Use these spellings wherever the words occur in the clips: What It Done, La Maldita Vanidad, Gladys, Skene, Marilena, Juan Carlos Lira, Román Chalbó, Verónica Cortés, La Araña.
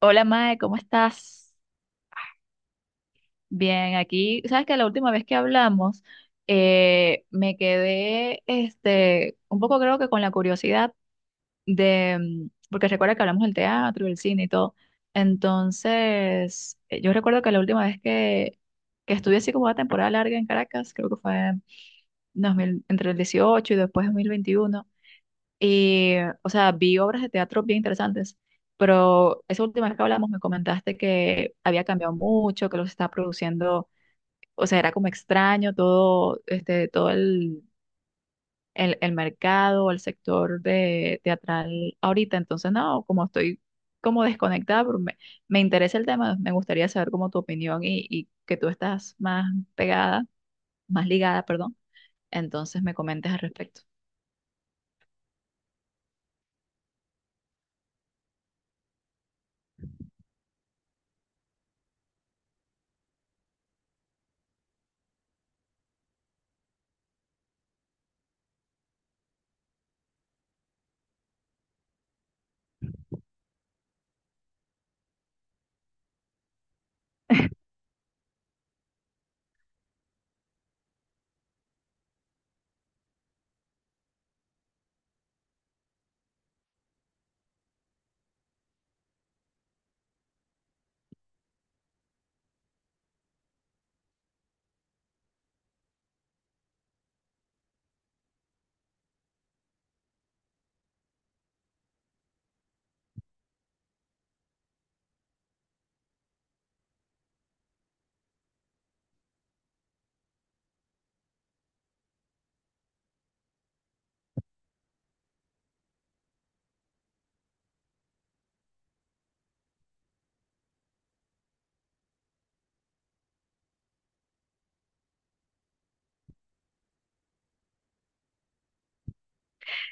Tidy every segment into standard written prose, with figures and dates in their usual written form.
Hola Mae, ¿cómo estás? Bien, aquí, sabes que la última vez que hablamos me quedé un poco creo que con la curiosidad de, porque recuerda que hablamos del teatro, del cine y todo. Entonces, yo recuerdo que la última vez que estuve así como una temporada larga en Caracas, creo que fue en 2000 entre el 18 y después 2021. Y, o sea, vi obras de teatro bien interesantes, pero esa última vez que hablamos me comentaste que había cambiado mucho, que los estaba produciendo, o sea, era como extraño todo, este, todo el mercado, el sector de teatral ahorita. Entonces, no, como estoy como desconectada, pero me interesa el tema, me gustaría saber como tu opinión y que tú estás más pegada, más ligada, perdón. Entonces me comentes al respecto.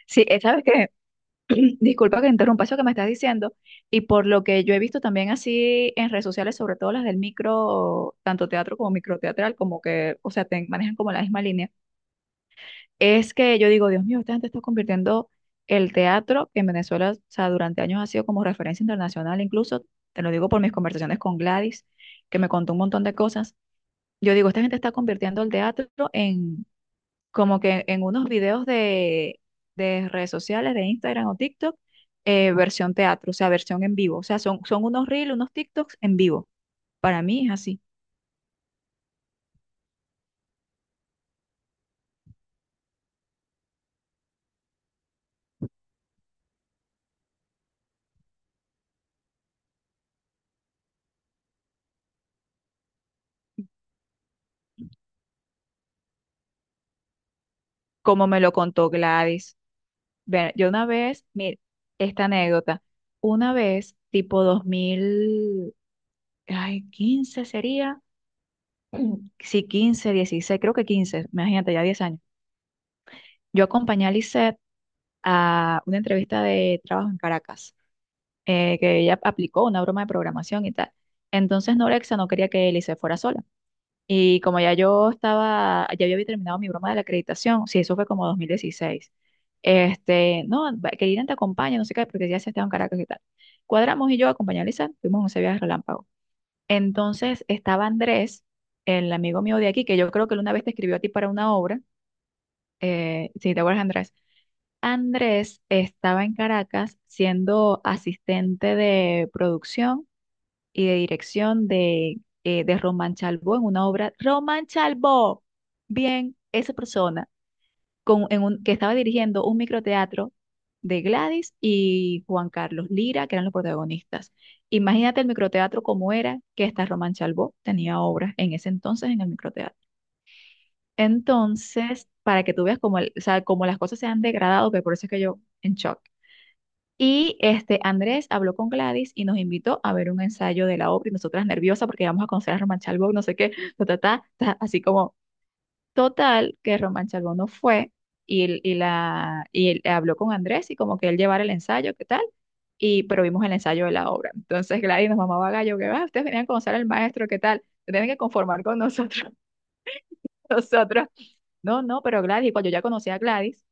Sí, ¿sabes que disculpa que interrumpa eso que me estás diciendo, y por lo que yo he visto también así en redes sociales, sobre todo las del micro, tanto teatro como microteatral, como que, o sea, te manejan como la misma línea, es que yo digo, Dios mío, esta gente está convirtiendo el teatro, que en Venezuela, o sea, durante años ha sido como referencia internacional, incluso, te lo digo por mis conversaciones con Gladys, que me contó un montón de cosas, yo digo, esta gente está convirtiendo el teatro como que en unos videos de redes sociales, de Instagram o TikTok, versión teatro, o sea, versión en vivo. O sea, son unos reels, unos TikToks en vivo. Para mí es así, como me lo contó Gladys. Yo una vez, mira, esta anécdota, una vez, tipo 2000 15 sería, sí, 15, 16 creo que 15 imagínate, ya 10 años. Yo acompañé a Lisette a una entrevista de trabajo en Caracas. Que ella aplicó una broma de programación y tal. Entonces Norexa no quería que Elise fuera sola. Y como ya yo estaba, ya yo había terminado mi broma de la acreditación, sí, eso fue como 2016. Este, no, que Irene te acompañe, no sé qué, porque ya se estaba en Caracas y tal. Cuadramos y yo acompañé a Lisa, fuimos en ese viaje relámpago. Entonces estaba Andrés, el amigo mío de aquí, que yo creo que él una vez te escribió a ti para una obra, si te acuerdas, Andrés. Andrés estaba en Caracas siendo asistente de producción y de dirección de Román Chalbó en una obra. Román Chalbó, bien, esa persona con, en un, que estaba dirigiendo un microteatro de Gladys y Juan Carlos Lira, que eran los protagonistas. Imagínate el microteatro como era, que esta Román Chalbó tenía obras en ese entonces en el microteatro. Entonces, para que tú veas cómo, o sea, cómo las cosas se han degradado, que por eso es que yo en shock. Y este Andrés habló con Gladys y nos invitó a ver un ensayo de la obra y nosotras nerviosas porque íbamos a conocer a Román Chalbaud, no sé qué, ta, ta, ta, ta, así como total que Román Chalbaud no fue y él habló con Andrés y como que él llevara el ensayo, ¿qué tal? Y pero vimos el ensayo de la obra. Entonces Gladys nos mamaba gallo, que va, ustedes venían a conocer al maestro, ¿qué tal? Se tienen que conformar con nosotros. Nosotros, no, no, pero Gladys, y cuando yo ya conocía a Gladys,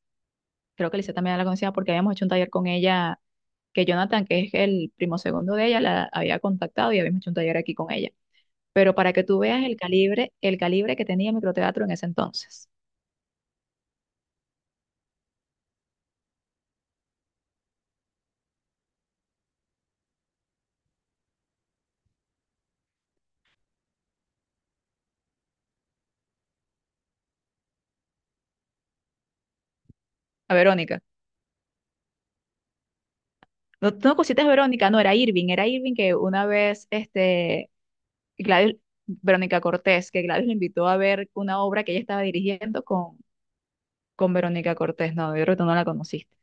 creo que Lisa también la conocía porque habíamos hecho un taller con ella que Jonathan, que es el primo segundo de ella, la había contactado y habíamos hecho un taller aquí con ella. Pero para que tú veas el calibre que tenía microteatro en ese entonces. A Verónica. No, no cositas Verónica, no, era Irving que una vez, Gladys, Verónica Cortés, que Gladys le invitó a ver una obra que ella estaba dirigiendo con Verónica Cortés. No, yo creo que tú no la conociste.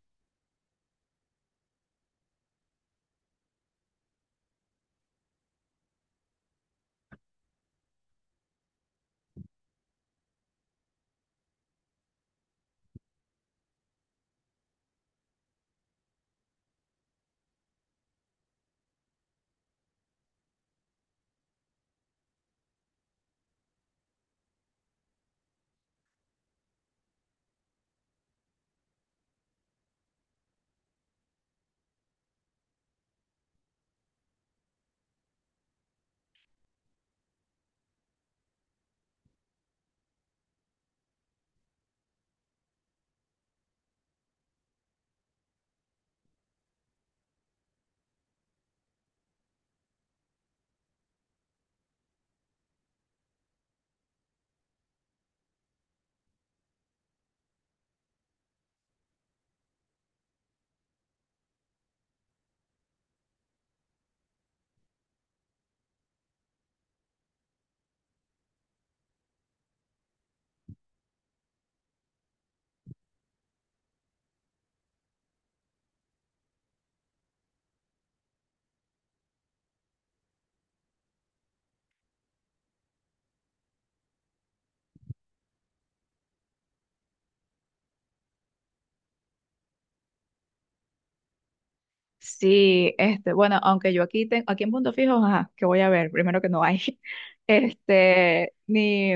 Sí, bueno, aunque yo aquí tengo, aquí en Punto Fijo, ajá, que voy a ver, primero que no hay, ni,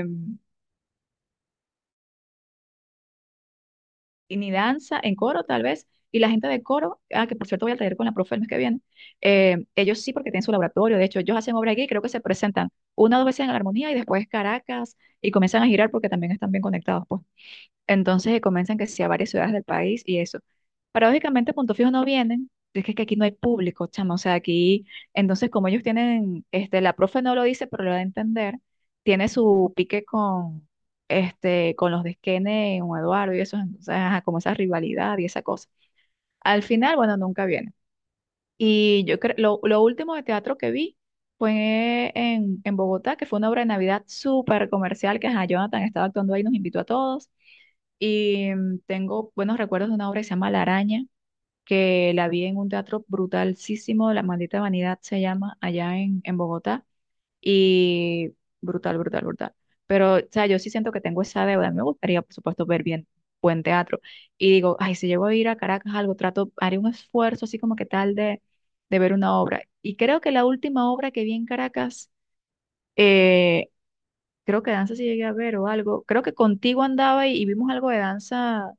y ni danza, en coro tal vez, y la gente de coro, ah, que por cierto voy al taller con la profe el mes que viene, ellos sí porque tienen su laboratorio, de hecho ellos hacen obra aquí creo que se presentan una o dos veces en la armonía y después Caracas y comienzan a girar porque también están bien conectados, pues. Entonces que comienzan que sea varias ciudades del país y eso. Paradójicamente, Punto Fijo no vienen, es que aquí no hay público, chamo. O sea, aquí, entonces como ellos tienen, la profe no lo dice, pero lo da a entender, tiene su pique con, con los de Skene o Eduardo y eso, entonces, ajá, como esa rivalidad y esa cosa. Al final, bueno, nunca vienen. Y yo creo, lo último de teatro que vi fue en Bogotá, que fue una obra de Navidad súper comercial, que ajá, Jonathan estaba actuando ahí, nos invitó a todos. Y tengo buenos recuerdos de una obra que se llama La Araña, que la vi en un teatro brutalísimo, La Maldita Vanidad se llama, allá en Bogotá. Y brutal, brutal, brutal. Pero, o sea, yo sí siento que tengo esa deuda. A mí me gustaría, por supuesto, ver bien buen teatro. Y digo, ay, si llego a ir a Caracas, algo, trato, haré un esfuerzo así como que tal de ver una obra. Y creo que la última obra que vi en Caracas, eh, creo que danza sí llegué a ver o algo. Creo que contigo andaba y vimos algo de danza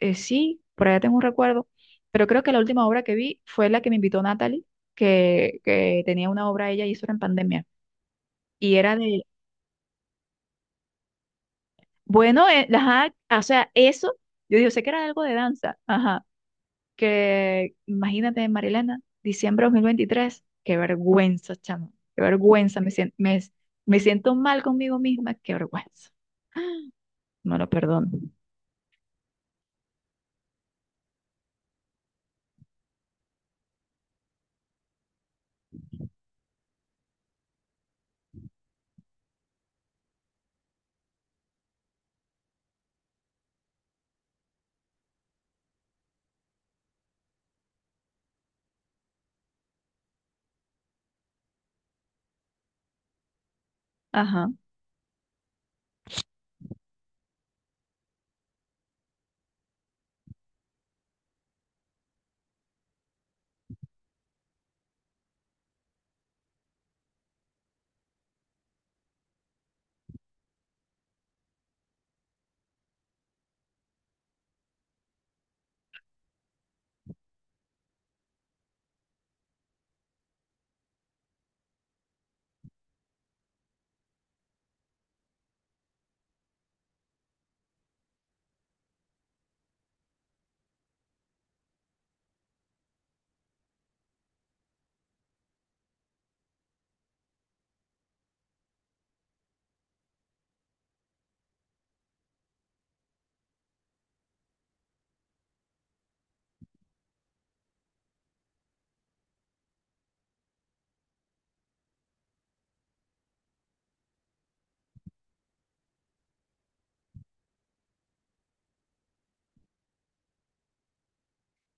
sí, por allá tengo un recuerdo, pero creo que la última obra que vi fue la que me invitó Natalie, que tenía una obra ella y eso era en pandemia. Y era de, bueno, ajá, o sea, eso, yo digo, sé que era algo de danza, ajá, que imagínate, Marilena, diciembre de 2023, qué vergüenza, chamo, qué vergüenza, me siento mal conmigo misma, qué vergüenza. No lo perdono. Ajá,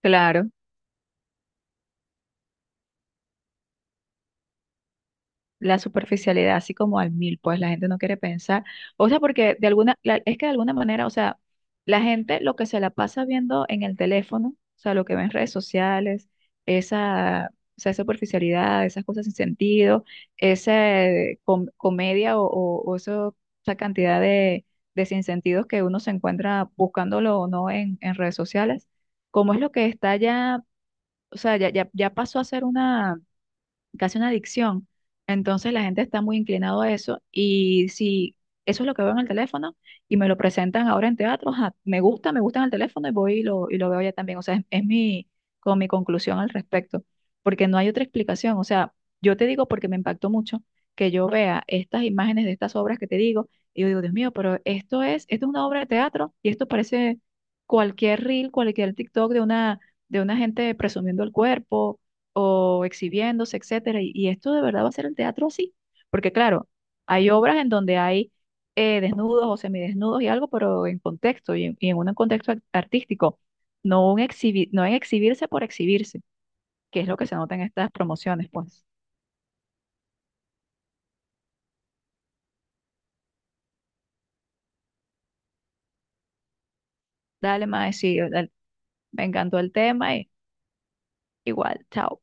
claro. La superficialidad así como al mil, pues la gente no quiere pensar. O sea, porque de alguna, es que de alguna manera, o sea, la gente lo que se la pasa viendo en el teléfono, o sea, lo que ve en redes sociales, esa, o sea, superficialidad, esas cosas sin sentido, esa comedia o esa cantidad de sinsentidos que uno se encuentra buscándolo o no en redes sociales, como es lo que está ya, o sea, ya pasó a ser una casi una adicción. Entonces la gente está muy inclinado a eso y si eso es lo que veo en el teléfono y me lo presentan ahora en teatro, ajá, me gusta en el teléfono y voy y lo veo ya también. O sea, es mi, como mi conclusión al respecto, porque no hay otra explicación. O sea, yo te digo porque me impactó mucho que yo vea estas imágenes de estas obras que te digo y yo digo, Dios mío, pero esto es una obra de teatro y esto parece cualquier reel, cualquier TikTok de una gente presumiendo el cuerpo o exhibiéndose, etcétera. Y esto de verdad va a ser el teatro así, porque claro, hay obras en donde hay desnudos o semidesnudos y algo, pero en contexto y en un contexto artístico, no, no en exhibirse por exhibirse, que es lo que se nota en estas promociones, pues. Dale, mae, sí, dale, me encantó el tema y igual, chao.